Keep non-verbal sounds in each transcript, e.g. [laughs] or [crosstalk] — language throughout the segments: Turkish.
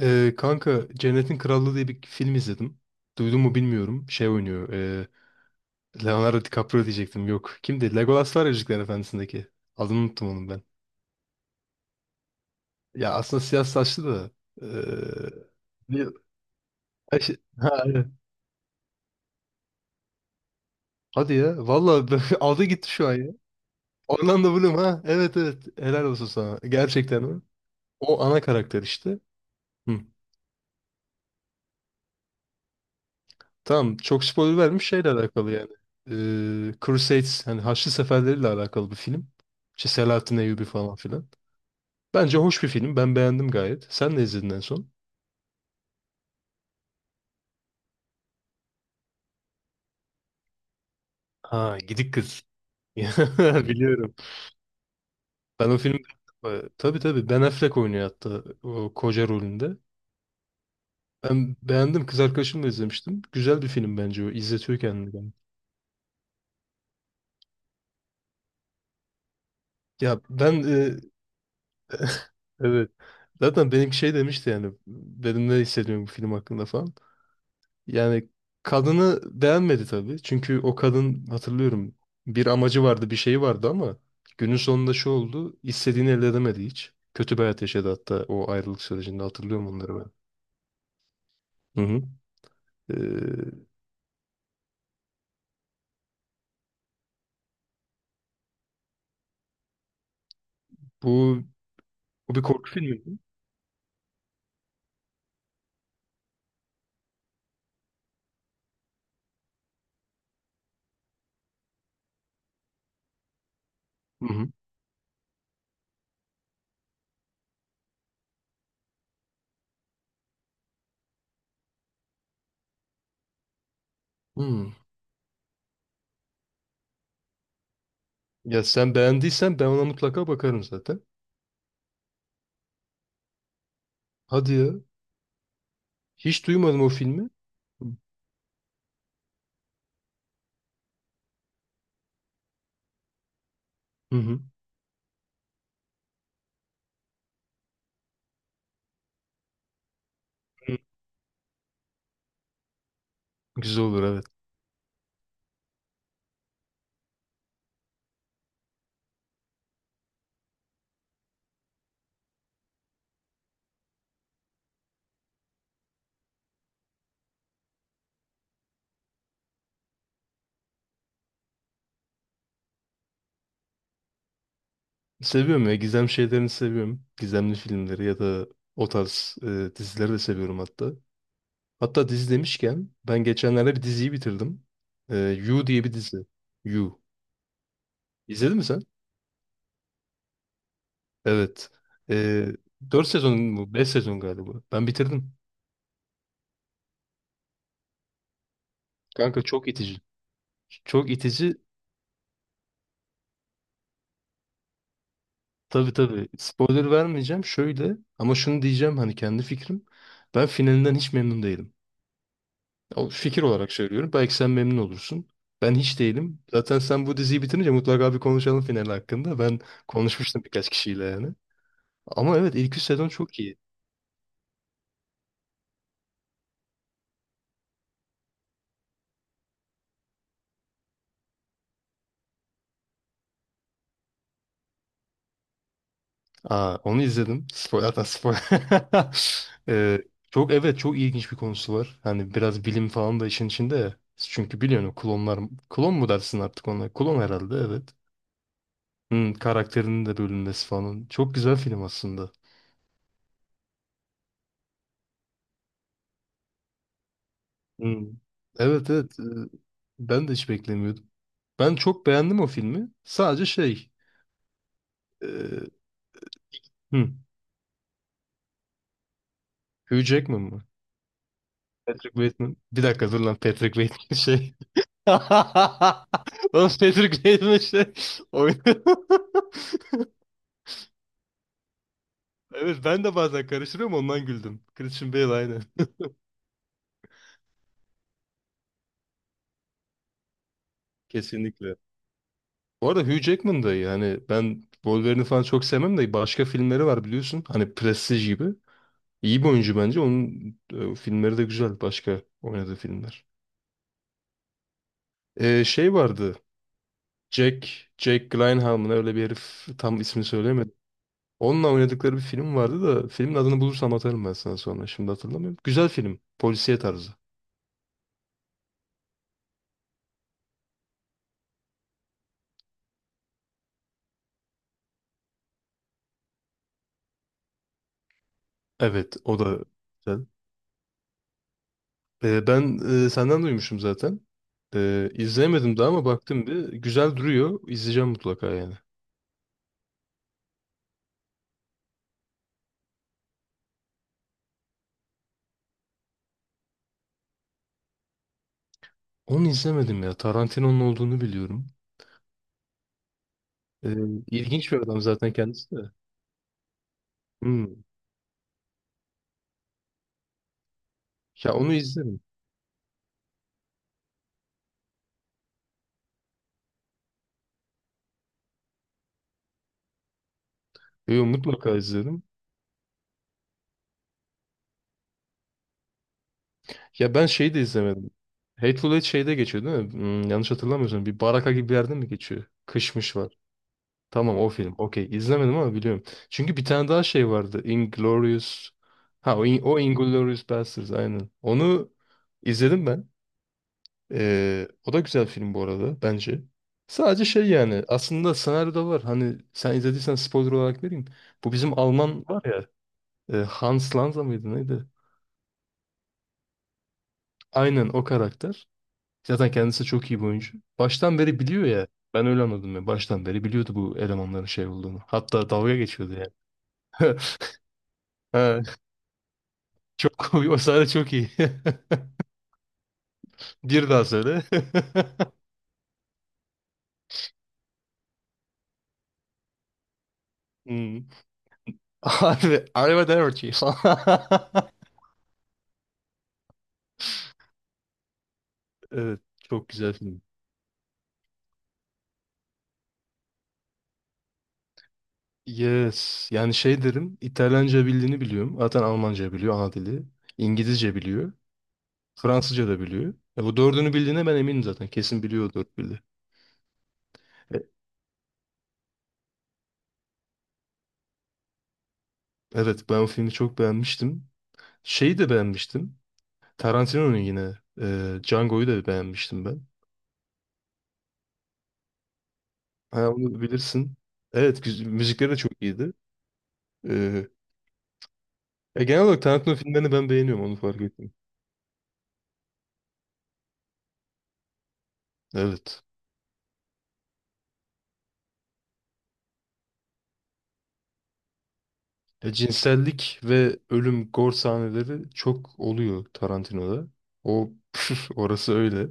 Kanka Cennetin Krallığı diye bir film izledim. Duydun mu bilmiyorum. Şey oynuyor. Leonardo DiCaprio diyecektim. Yok. Kimdi? Legolas var ya Yüzükler Efendisi'ndeki. Adını unuttum onun ben. Ya aslında siyah saçlı da. ee, bir- ha, evet. Hadi ya. Valla, [laughs] aldı gitti şu an ya. Orlando Bloom ha. Evet, evet. Helal olsun sana. Gerçekten o. O ana karakter işte. Hı. Tamam, çok spoiler vermiş şeyle alakalı yani. Crusades hani Haçlı Seferleri'yle alakalı bir film. İşte Selahattin Eyyubi falan filan. Bence hoş bir film. Ben beğendim gayet. Sen ne izledin en son? Ha, gidik kız. [laughs] Biliyorum. Ben o film Tabii, tabii, Ben Affleck oynuyor hatta o koca rolünde. Ben beğendim. Kız arkadaşımla izlemiştim. Güzel bir film bence o. İzletiyor kendini bana. Ya, evet. Zaten benim şey demişti yani. Benim ne hissediyorum bu film hakkında falan. Yani kadını beğenmedi tabii. Çünkü o kadın, hatırlıyorum, bir amacı vardı, bir şeyi vardı ama günün sonunda şu oldu: istediğini elde edemedi hiç. Kötü bir hayat yaşadı, hatta o ayrılık sürecinde hatırlıyorum onları ben. Hı hı. Ee, bu, bu bir korku filmi mi? Hı hı. Hmm. Ya sen beğendiysen ben ona mutlaka bakarım zaten. Hadi ya. Hiç duymadım o filmi. Hı hı. Hı. Güzel olur, evet. Seviyorum ya, gizem şeylerini seviyorum. Gizemli filmleri ya da o tarz dizileri de seviyorum hatta. Hatta dizi demişken ben geçenlerde bir diziyi bitirdim. You diye bir dizi. You. İzledin mi sen? Evet. Ee, 4 sezon mu? 5 sezon galiba. Ben bitirdim. Kanka çok itici. Çok itici. Tabii, tabii. Spoiler vermeyeceğim. Şöyle ama şunu diyeceğim, hani kendi fikrim. Ben finalinden hiç memnun değilim. O fikir olarak söylüyorum. Belki sen memnun olursun. Ben hiç değilim. Zaten sen bu diziyi bitirince mutlaka bir konuşalım final hakkında. Ben konuşmuştum birkaç kişiyle yani. Ama evet, ilk üç sezon çok iyi. Aa, onu izledim. Spoiler, zaten spoiler. [laughs] Ee, Çok, evet, çok ilginç bir konusu var. Hani biraz bilim falan da işin içinde ya. Çünkü biliyorsun o klonlar, klon mu dersin artık ona? Klon herhalde, evet. Hmm, karakterinin de bölünmesi falan. Çok güzel film aslında. Hmm. Evet, evet. Ben de hiç beklemiyordum. Ben çok beğendim o filmi. Sadece şey e, hmm, Hugh Jackman mı? Patrick Bateman. Bir dakika dur lan, Patrick Bateman [laughs] şey. [laughs] Oğlum, Patrick Bateman işte oynuyor. [laughs] Evet, ben de bazen karıştırıyorum, ondan güldüm. Christian Bale, aynen. [laughs] Kesinlikle. Bu arada Hugh Jackman da iyi. Hani ben Wolverine'i falan çok sevmem de başka filmleri var biliyorsun. Hani Prestige gibi. İyi bir oyuncu bence. Onun filmleri de güzel. Başka oynadığı filmler. Şey vardı. Jack, Jack Gyllenhaal mı ne, öyle bir herif, tam ismini söyleyemedim. Onunla oynadıkları bir film vardı da filmin adını bulursam atarım ben sana sonra. Şimdi hatırlamıyorum. Güzel film. Polisiye tarzı. Evet, o da güzel. Ben senden duymuşum zaten. İzlemedim daha ama baktım bir. Güzel duruyor. İzleyeceğim mutlaka yani. Onu izlemedim ya. Tarantino'nun olduğunu biliyorum. Ee, ilginç bir adam zaten kendisi de. Hmm. Ya onu izlerim. Yo, mutlaka izlerim. Ya ben şeyi de izlemedim. Hateful Eight şeyde geçiyor değil mi? Hmm, yanlış hatırlamıyorsam bir baraka gibi bir yerde mi geçiyor? Kışmış var. Tamam, o film. Okey. İzlemedim ama biliyorum. Çünkü bir tane daha şey vardı. Inglourious. O Inglourious Basterds, aynen. Onu izledim ben. O da güzel film bu arada bence. Sadece şey yani, aslında senaryoda var. Hani sen izlediysen spoiler olarak vereyim. Bu bizim Alman var ya, Hans Lanza mıydı neydi? Aynen o karakter. Zaten kendisi çok iyi bir oyuncu. Baştan beri biliyor ya. Ben öyle anladım ya. Baştan beri biliyordu bu elemanların şey olduğunu. Hatta dalga geçiyordu yani. [laughs] Çok [laughs] o sahne çok iyi. [laughs] Bir daha söyle. [laughs] Hmm. Harbi, harbi. [laughs] Evet, çok güzel film. Yes. Yani şey derim, İtalyanca bildiğini biliyorum. Zaten Almanca biliyor, ana dili. İngilizce biliyor. Fransızca da biliyor. Bu dördünü bildiğine ben eminim zaten. Kesin biliyor o dört dili. E, evet, ben o filmi çok beğenmiştim. Şeyi de beğenmiştim. Tarantino'nun yine. Django'yu da beğenmiştim ben. Ha, onu bilirsin. Evet, müzikleri de çok iyiydi. E, Ya genel olarak Tarantino filmlerini ben beğeniyorum, onu fark ettim. Evet. Ya, cinsellik ve ölüm gore sahneleri çok oluyor Tarantino'da. O [laughs] orası öyle.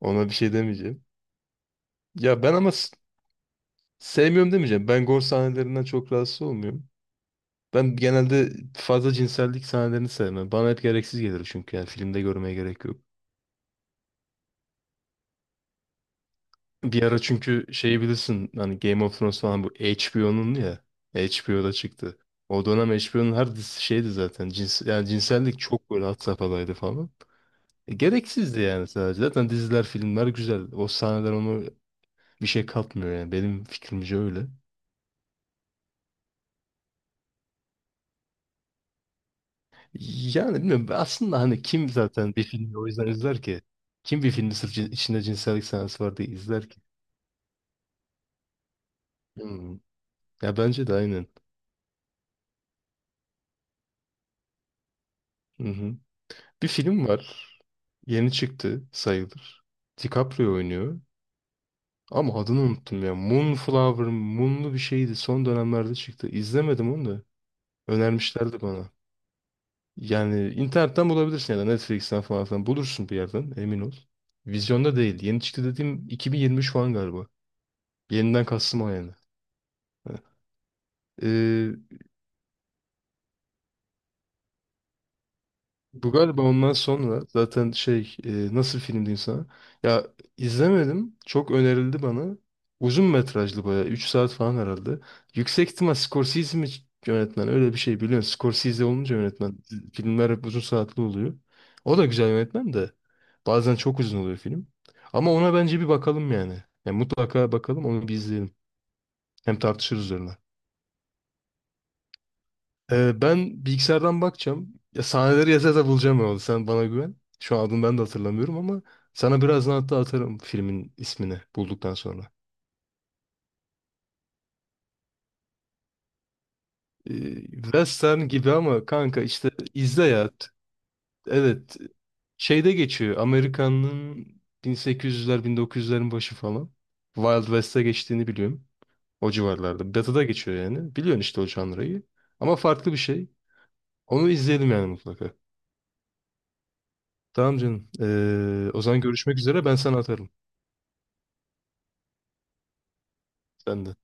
Ona bir şey demeyeceğim. Ya ben ama sevmiyorum demeyeceğim. Ben gore sahnelerinden çok rahatsız olmuyorum. Ben genelde fazla cinsellik sahnelerini sevmem. Bana hep gereksiz gelir, çünkü yani filmde görmeye gerek yok. Bir ara, çünkü şey bilirsin hani Game of Thrones falan, bu HBO'nun ya. HBO'da çıktı. O dönem HBO'nun her dizisi şeydi zaten. Cins, yani cinsellik çok böyle had safhadaydı falan. Gereksizdi yani sadece. Zaten diziler, filmler güzel. O sahneler onu, bir şey katmıyor yani. Benim fikrimce öyle. Yani bilmiyorum aslında, hani kim zaten bir filmi o yüzden izler ki? Kim bir filmi sırf içinde cinsellik sahnesi var diye izler ki? Hmm. Ya bence de aynen. Hı hı. Bir film var. Yeni çıktı sayılır. DiCaprio oynuyor. Ama adını unuttum ya. Moonflower, Moonlu bir şeydi. Son dönemlerde çıktı. İzlemedim onu da. Önermişlerdi bana. Yani internetten bulabilirsin ya da Netflix'ten falan filan. Bulursun bir yerden, emin ol. Vizyonda değil. Yeni çıktı dediğim 2023 falan galiba. Yeniden kastım o yani. Heh. Bu galiba ondan sonra zaten şey, nasıl film diyeyim sana? Ya izlemedim. Çok önerildi bana. Uzun metrajlı bayağı. 3 saat falan herhalde. Yüksek ihtimal Scorsese mi yönetmen? Öyle bir şey biliyorsun. Scorsese olunca yönetmen, filmler hep uzun saatli oluyor. O da güzel yönetmen de. Bazen çok uzun oluyor film. Ama ona bence bir bakalım yani. Yani mutlaka bakalım, onu bir izleyelim. Hem tartışırız üzerine. Ben bilgisayardan bakacağım. Ya sahneleri yaza yaza bulacağım ya. Sen bana güven. Şu an adını ben de hatırlamıyorum ama sana birazdan hatta atarım filmin ismini bulduktan sonra. Ee, Western gibi ama kanka işte izle ya. Evet. Şeyde geçiyor. Amerika'nın 1800'ler, 1900'lerin başı falan. Wild West'e geçtiğini biliyorum. O civarlarda. Batı'da geçiyor yani. Biliyorsun işte o janrayı. Ama farklı bir şey. Onu izleyelim yani mutlaka. Tamam canım. O zaman görüşmek üzere. Ben sana atarım. Sen de.